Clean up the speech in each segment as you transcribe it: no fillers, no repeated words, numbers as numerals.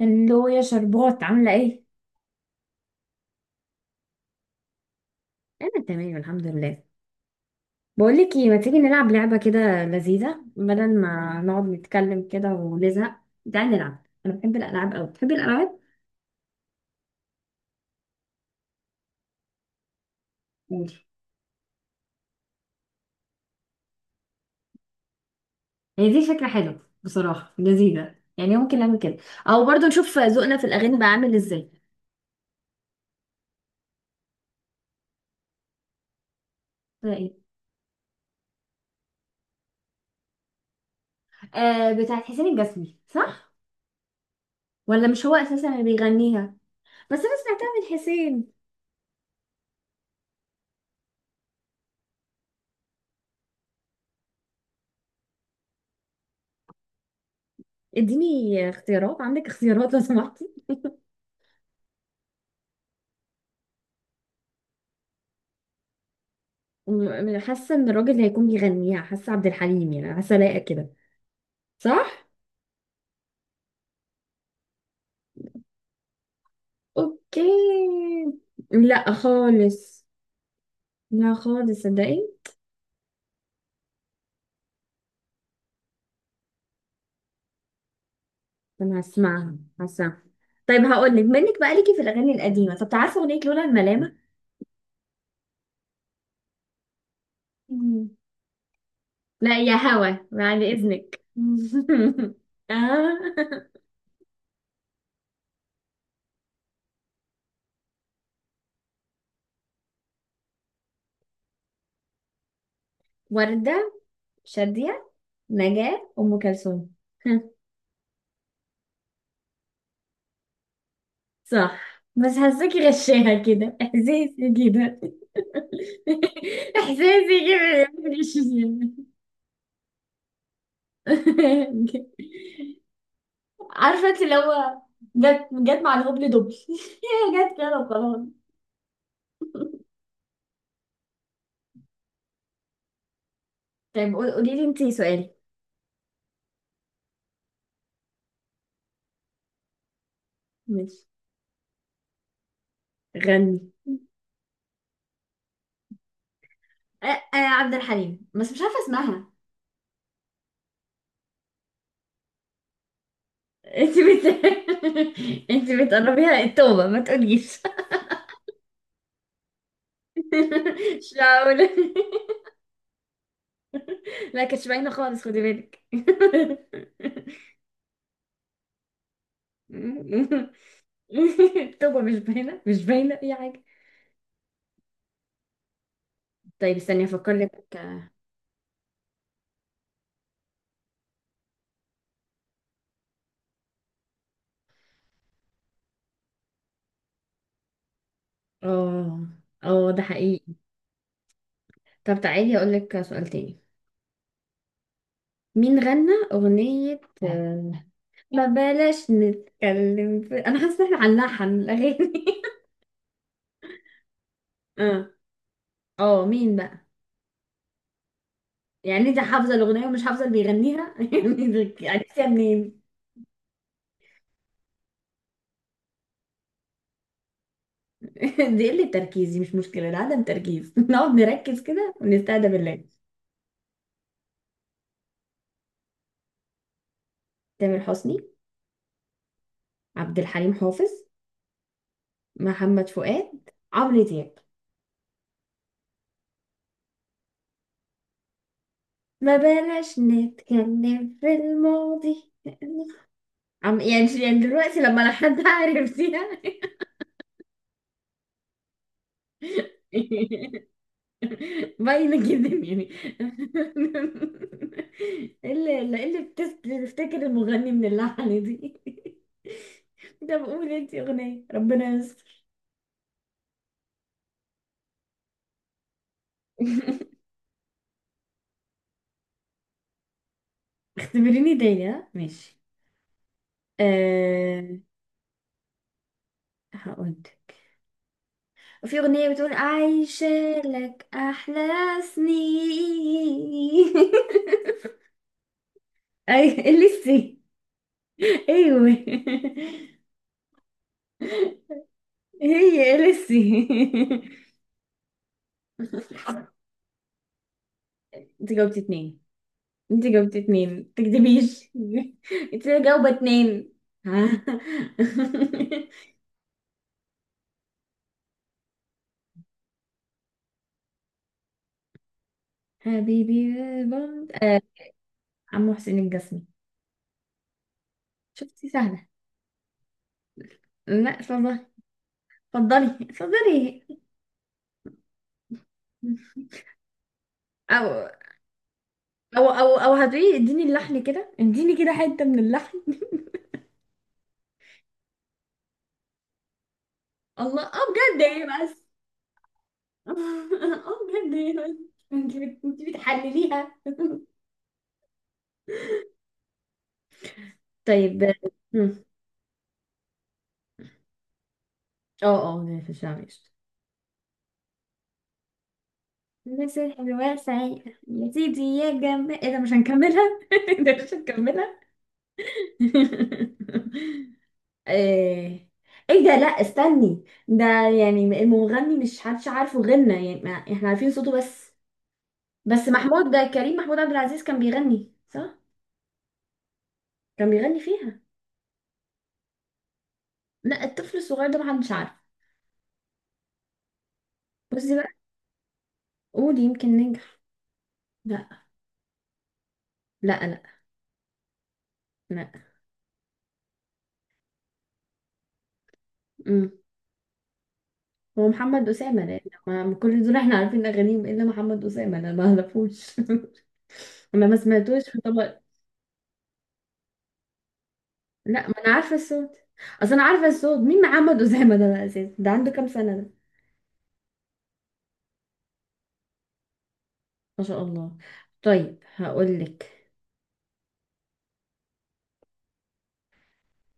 هلو يا شربات، عاملة ايه؟ انا تمام الحمد لله. بقولك ايه، ما تيجي نلعب لعبة كده لذيذة بدل ما نقعد نتكلم كده ونزهق؟ تعالي نلعب، انا بحب الالعاب اوي، بتحبي الالعاب؟ قولي. هي دي فكرة حلوة بصراحة، لذيذة يعني، ممكن نعمل كده. او برضو نشوف ذوقنا في الاغاني بقى عامل ازاي. ده ايه؟ آه، بتاعت حسين الجسمي صح؟ ولا مش هو اساسا اللي بيغنيها؟ بس انا سمعتها من حسين. اديني اختيارات، عندك اختيارات لو سمحتي. حاسه ان الراجل اللي هيكون بيغنيها، حاسه عبد الحليم يعني، حاسه لايقه كده، صح. اوكي. لا خالص. لا خالص صدقي. انا هسمعها هسمعها. طيب هقول لك منك بقى، ليكي في الاغاني القديمه، طب عارفه اغنيه لولا الملامه؟ مم. لا يا هوا بعد اذنك آه. وردة، شادية، نجاة، أم كلثوم. صح، بس حاساكي غشاها كده إحساسي كده. احساسي كده. مش. عارفه انت اللي هو. جت جت مع الهبل دبل. هي جت كده وخلاص. طيب قولي لي انت سؤالي. ماشي، غني. أه أه، عبد الحليم، بس مش عارفه اسمها. انت بت انت بتقربيها التوبه ما تقوليش. مش معقوله. لا كانتش باينه خالص، خدي بالك. التوبه مش باينه، مش باينه اي حاجه. طيب استني افكر لك. اه اه، ده حقيقي. طب تعالي اقول لك سؤال تاني. مين غنى اغنية ما بلاش نتكلم في...؟ انا حاسة ان احنا هنلحن الاغاني. اه اه، مين بقى؟ يعني انت حافظة الاغنية ومش حافظة اللي بيغنيها؟ يعني عرفتيها منين؟ دي قلة تركيز، دي مش مشكلة، ده عدم تركيز. نقعد نركز كده ونستهدى بالله. تامر حسني، عبد الحليم حافظ، محمد فؤاد، عمرو دياب. ما بلاش نتكلم في الماضي. يعني دلوقتي لما لو حد عرفتيها. باينة جدا يعني. ايه اللي إيه اللي بتفتكر المغني من اللحن دي؟ طب قولي انتي اغنية ربنا يستر. اختبريني تاني، ها ماشي. أه. هقول. في اغنية بتقول: عايشة لك احلى سنين. اي. لسه. ايوه. هي اليسي. انت جاوبتي اتنين، انت جاوبتي اتنين تكدبيش. انت جاوبة اتنين. ها. حبيبي بند آه. عمو حسين الجسمي. شفتي سهلة. لا اتفضلي. اتفضلي اتفضلي. او او هتقولي اديني اللحن كده، اديني كده حتة من اللحن. الله، اه بجد، ايه بس. اه بجد، ايه بس. انت بتحلليها. طيب. مم. اه اه، في الشعبي. مثل حلوة سعيدة يا سيدي يا جماعة، ايه ده؟ مش هنكملها. ده مش هنكملها. ايه. ايه ده؟ لا استني ده، يعني المغني مش حدش عارفه، غنى يعني ما احنا عارفين صوته بس. بس محمود ده، كريم محمود عبد العزيز كان بيغني، صح؟ كان بيغني فيها. لا الطفل الصغير ده محدش عارف. بصي بقى، قولي يمكن ننجح. لا لا لا لا. هو محمد أسامة لأن ما كل دول احنا عارفين أغانيهم إلا محمد أسامة، أنا ما أعرفوش. أنا ما سمعتوش في طبق. لا، ما أنا عارفة الصوت. أصل أنا عارفة الصوت، مين محمد أسامة ده بقى أساسا، ده عنده كام سنة ده؟ ما شاء الله. طيب هقولك.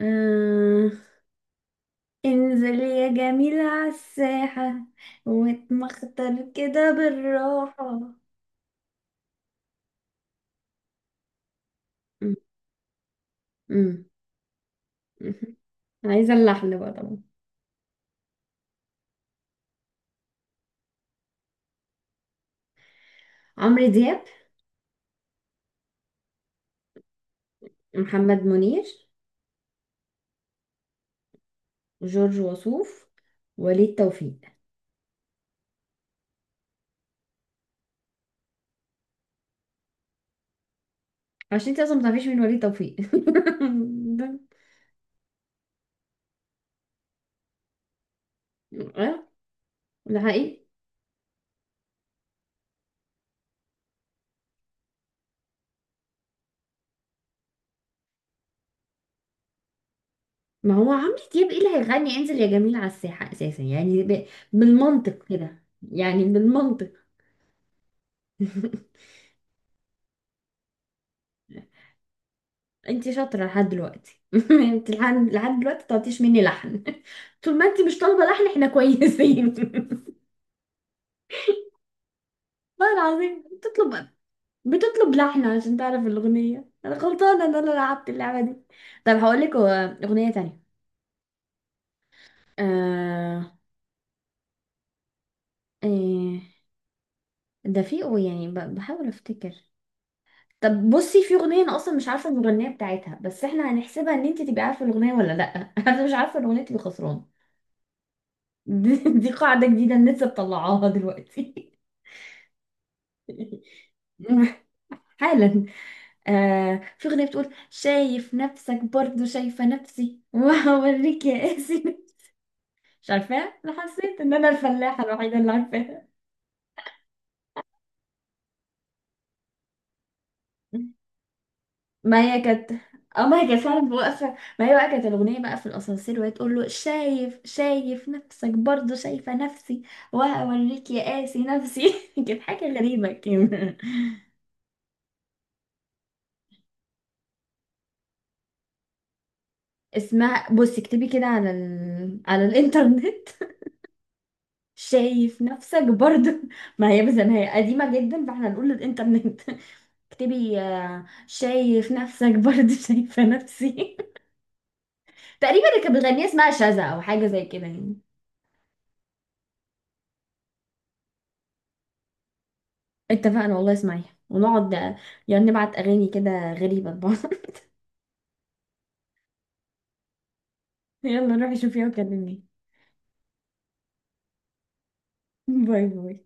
آه... انزل يا جميل على الساحة، واتمخطر كده بالراحة. م- م- م. عايزة اللحن بقى طبعا. عمرو دياب. محمد منير. جورج وسوف. وليد توفيق. عشان انت اصلا ما تعرفيش مين وليد توفيق ده. اه ده حقيقي. ما هو عمرو دياب ايه اللي هيغني انزل يا جميل على الساحة اساسا، يعني بالمنطق كده، يعني بالمنطق. انت شاطرة لحد دلوقتي. انت لحد دلوقتي ما طلبتيش مني لحن. طول ما انت مش طالبة لحن احنا كويسين. والله العظيم بتطلب لحن عشان تعرف الأغنية، أنا غلطانة إن أنا لعبت اللعبة دي. طب هقول لك أغنية تانية. آه... إيه... ده في يعني بحاول افتكر. طب بصي، في اغنيه انا اصلا مش عارفه المغنيه بتاعتها، بس احنا هنحسبها ان انت تبقي عارفه الاغنيه ولا لا. انا مش عارفه الاغنيه تبقي خسران. دي قاعده جديده الناس لسه مطلعاها دلوقتي. حالا. آه في اغنيه بتقول: شايف نفسك برضو شايفه نفسي وهوريك يا قاسي. مش عارفاها، انا حسيت ان انا الفلاحه الوحيده اللي عارفاها. ما هي كانت. اه ما هي كانت فعلا واقفة، ما هي بقى كانت الأغنية بقى في الأسانسير، وهي تقول له: شايف شايف نفسك برضه، شايفة نفسي، وهوريك يا قاسي نفسي. كانت حاجة غريبة كده. اسمها بصي اكتبي كده على على الإنترنت. شايف نفسك برضه. ما هي قديمة جدا فاحنا نقول للإنترنت. اكتبي شايف نفسك برضه شايفة نفسي. تقريبا اللي كانت بتغنيها اسمها شذا، أو حاجة زي كده يعني. اتفقنا، والله اسمعيها ونقعد يعني نبعت اغاني كده غريبة لبعض. يلا روحي شوفيها وكلميني. باي باي.